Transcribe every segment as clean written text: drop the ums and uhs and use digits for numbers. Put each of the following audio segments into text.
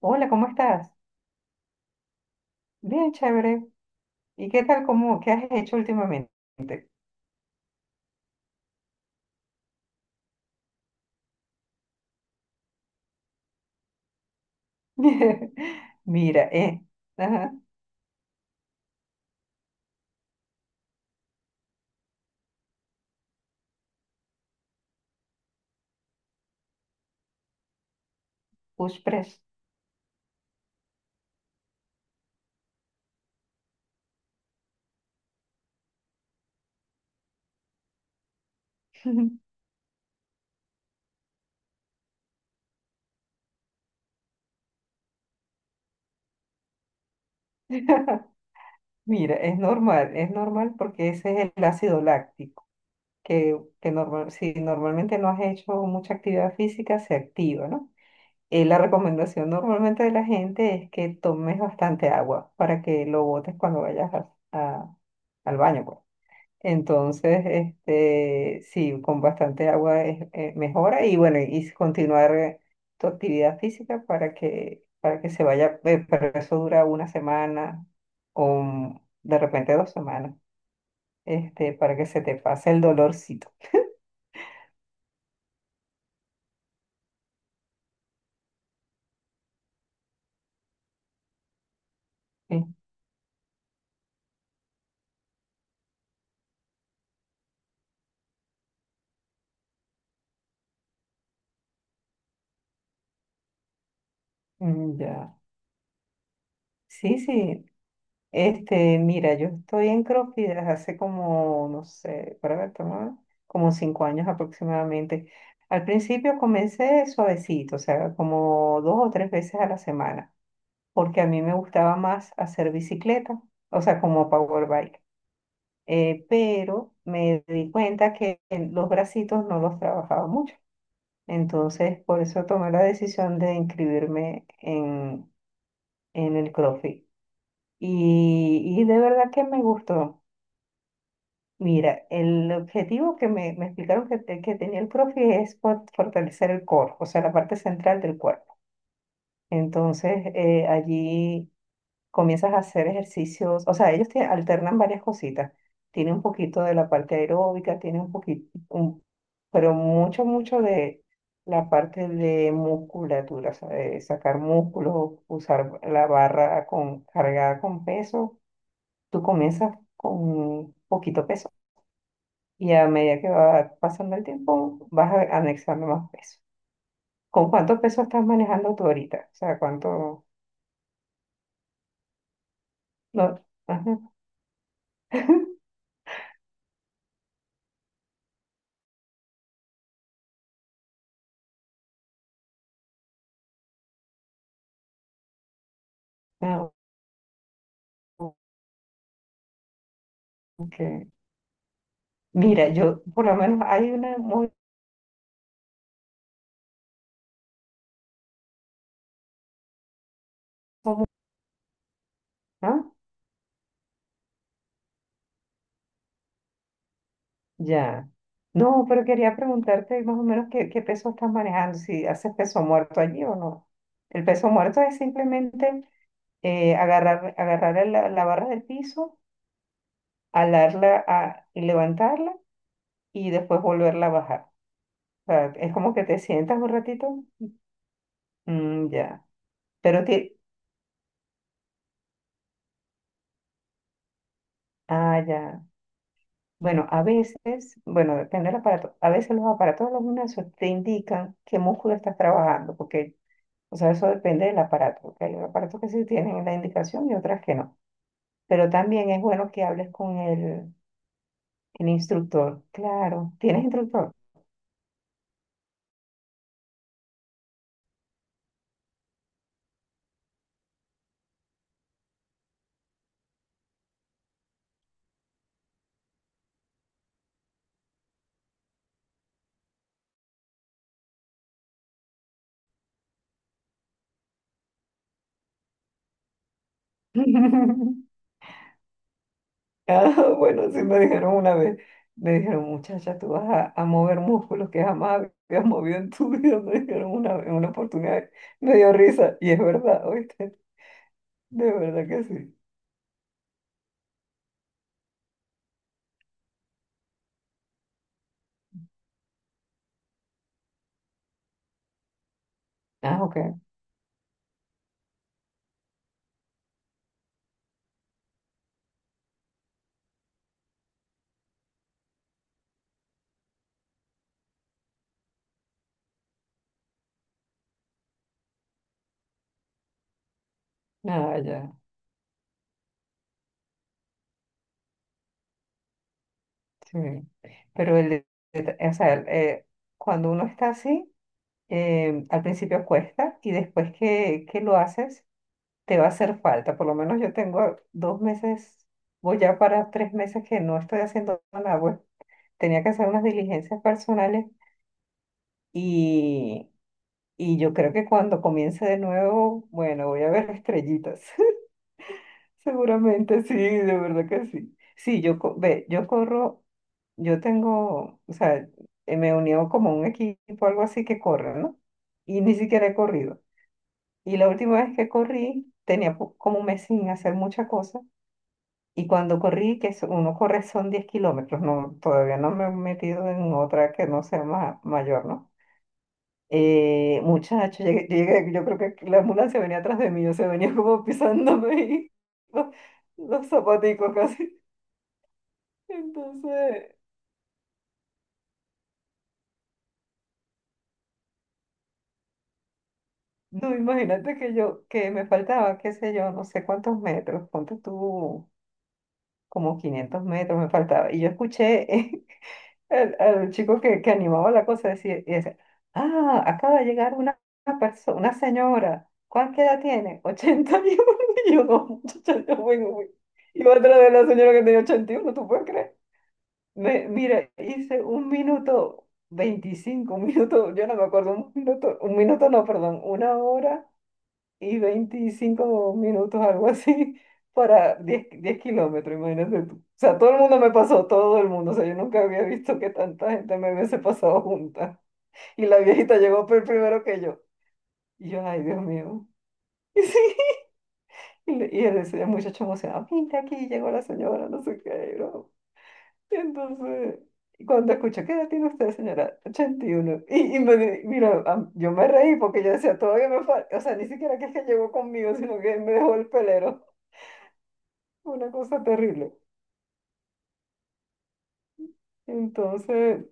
Hola, ¿cómo estás? Bien, chévere. ¿Y qué tal, qué has hecho últimamente? Mira, ajá, push press. Mira, es normal porque ese es el ácido láctico, que normal, si normalmente no has hecho mucha actividad física, se activa, ¿no? La recomendación normalmente de la gente es que tomes bastante agua para que lo botes cuando vayas al baño, pues. Entonces, este, sí, con bastante agua mejora y bueno, y continuar tu actividad física para que se vaya, pero eso dura una semana o de repente dos semanas, este, para que se te pase el dolorcito. ¿Sí? Ya. Sí, sí, Este, mira, yo estoy en CrossFit desde hace como, no sé, para ver, toma, como cinco años aproximadamente. Al principio comencé suavecito, o sea, como dos o tres veces a la semana, porque a mí me gustaba más hacer bicicleta, o sea, como power bike. Pero me di cuenta que en los bracitos no los trabajaba mucho. Entonces, por eso tomé la decisión de en el CrossFit. Y de verdad que me gustó. Mira, el objetivo que me explicaron que tenía el profe es fortalecer el core, o sea, la parte central del cuerpo. Entonces, allí comienzas a hacer ejercicios, o sea, ellos te alternan varias cositas. Tiene un poquito de la parte aeróbica, tiene un poquito, pero mucho, mucho de la parte de musculatura, o sea, de sacar músculos, usar la barra cargada con peso. Tú comienzas con poquito peso y a medida que va pasando el tiempo, anexando más peso. ¿Con cuánto peso estás manejando tú ahorita? O sea, ¿cuánto? No. Ajá. Ah, ok. Mira, yo por lo menos hay una muy... ¿Ah? Ya. No, pero quería preguntarte más o menos qué peso estás manejando, si haces peso muerto allí o no. El peso muerto es simplemente agarrar la barra del piso, y levantarla y después volverla a bajar. Sea, es como que te sientas un ratito. Ya. Pero ti, ya. Bueno, a veces, bueno, depende del aparato. A veces los aparatos de los gimnasios te indican qué músculo estás trabajando, porque, o sea, eso depende del aparato, porque hay aparatos que sí tienen la indicación y otras que no. Pero también es bueno que hables con el instructor. Claro, ¿tienes instructor? Bueno, sí me dijeron una vez, me dijeron, muchacha, tú a mover músculos que jamás habías movido en tu vida, me dijeron una oportunidad, me dio risa, y es verdad, ¿oíste? De verdad que sí. Ah, ok, nada, ya, sí. Pero el, o sea, el, Cuando uno está así, al principio cuesta, y después que lo haces, te va a hacer falta. Por lo menos yo tengo 2 meses, voy ya para 3 meses que no estoy haciendo nada. Pues tenía que hacer unas diligencias personales y, y yo creo que cuando comience de nuevo, bueno, voy a ver estrellitas. Seguramente sí, de verdad que sí. Sí, yo corro, yo tengo, o sea, me unió como un equipo, algo así que corre, ¿no? Y ni siquiera he corrido. Y la última vez que corrí, tenía como un mes sin hacer muchas cosas. Y cuando corrí, uno corre son 10 kilómetros, no, todavía no me he metido en otra que no sea mayor, ¿no? Muchacho, llegué, yo creo que la ambulancia venía atrás de mí, o sea, venía como pisándome y los, los zapaticos casi. Entonces, no, imagínate que yo, que me faltaba, qué sé yo, no sé cuántos metros, ponte tú como 500 metros me faltaba. Y yo escuché. El chico que animaba la cosa decía, ah, acaba de llegar persona, una señora, ¿cuánta edad tiene? 81. Y yo, no, muchacha, yo voy, voy". Y otra de la señora que tenía 81, ¿tú puedes creer? Mira, hice un minuto 25 un minuto, yo no me acuerdo, un minuto no, perdón, 1 hora y 25 minutos, algo así, para 10 kilómetros, imagínate tú. O sea, todo el mundo me pasó, todo el mundo. O sea, yo nunca había visto que tanta gente me hubiese pasado junta. Y la viejita llegó primero que yo. Y yo, ay, Dios mío. Y sí, y él decía, el muchacho emocionado, mira aquí, llegó la señora, no sé qué, ¿no? Y entonces, y cuando escuché, ¿qué edad tiene usted, señora? 81. Y, uno. Mira, yo me reí porque yo decía, todavía me falta, o sea, ni siquiera que es que llegó conmigo, sino que me dejó el pelero. Una cosa terrible. Entonces,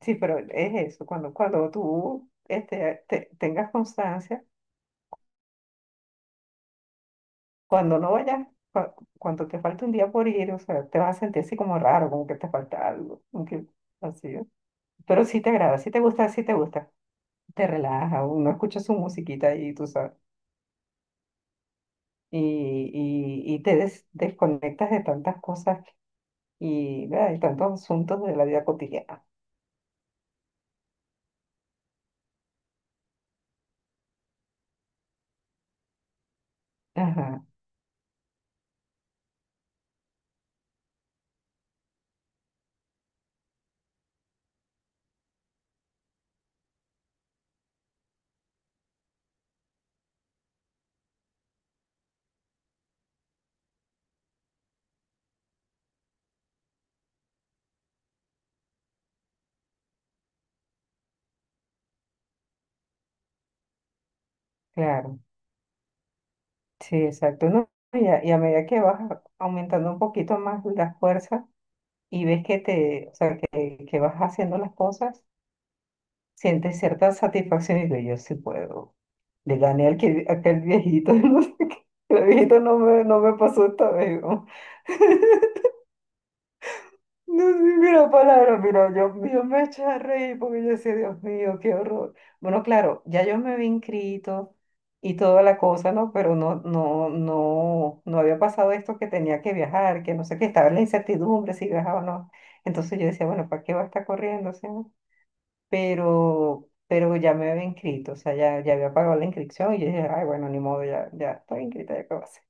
sí, pero es eso, cuando tú este, tengas constancia, cuando no vayas, cuando te falta un día por ir, o sea, te vas a sentir así como raro, como que te falta algo, como que así. ¿Eh? Pero sí te agrada, sí te gusta, sí te gusta. Te relaja, uno escucha su musiquita y tú sabes. Y, y te desconectas de tantas cosas ¿verdad? Y tantos asuntos de la vida cotidiana. Ajá, claro. Sí, exacto. ¿No? Y y a medida que aumentando un poquito más la fuerza y ves que que vas haciendo las cosas, sientes cierta satisfacción y dices, yo sí puedo. Le gané al aquel viejito, no sé qué. El viejito no me pasó esta vez. ¿No? No sé ni la palabra, mira, yo me eché a reír porque yo decía, Dios mío, qué horror. Bueno, claro, ya yo me había inscrito y toda la cosa, ¿no? Pero no había pasado esto que tenía que viajar, que no sé qué, estaba en la incertidumbre si viajaba o no. Entonces yo decía, bueno, ¿para qué va a estar corriendo? O sea, pero ya me había inscrito, o sea, ya había pagado la inscripción y yo dije, ay, bueno, ni modo, ya, ya estoy inscrita, ¿ya qué va a hacer?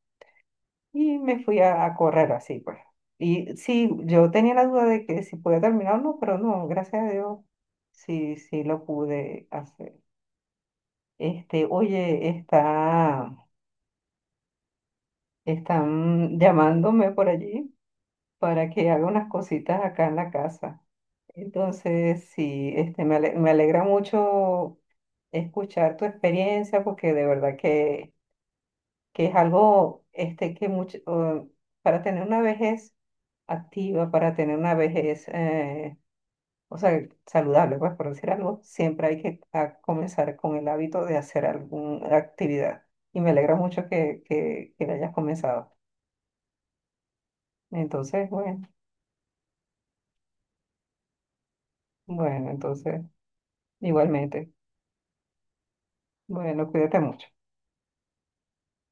Y me fui a correr así, pues. Y sí, yo tenía la duda de que si podía terminar o no, pero no, gracias a Dios, sí, sí lo pude hacer. Oye, está, están llamándome por allí para que haga unas cositas acá en la casa. Entonces, sí, este, me alegra mucho escuchar tu experiencia porque de verdad que es algo este, que mucho, para tener una vejez activa, para tener una vejez, o sea, saludable, pues por decir algo, siempre hay que comenzar con el hábito de hacer alguna actividad. Y me alegra mucho que la hayas comenzado. Entonces, bueno, bueno, entonces, igualmente. Bueno, cuídate mucho.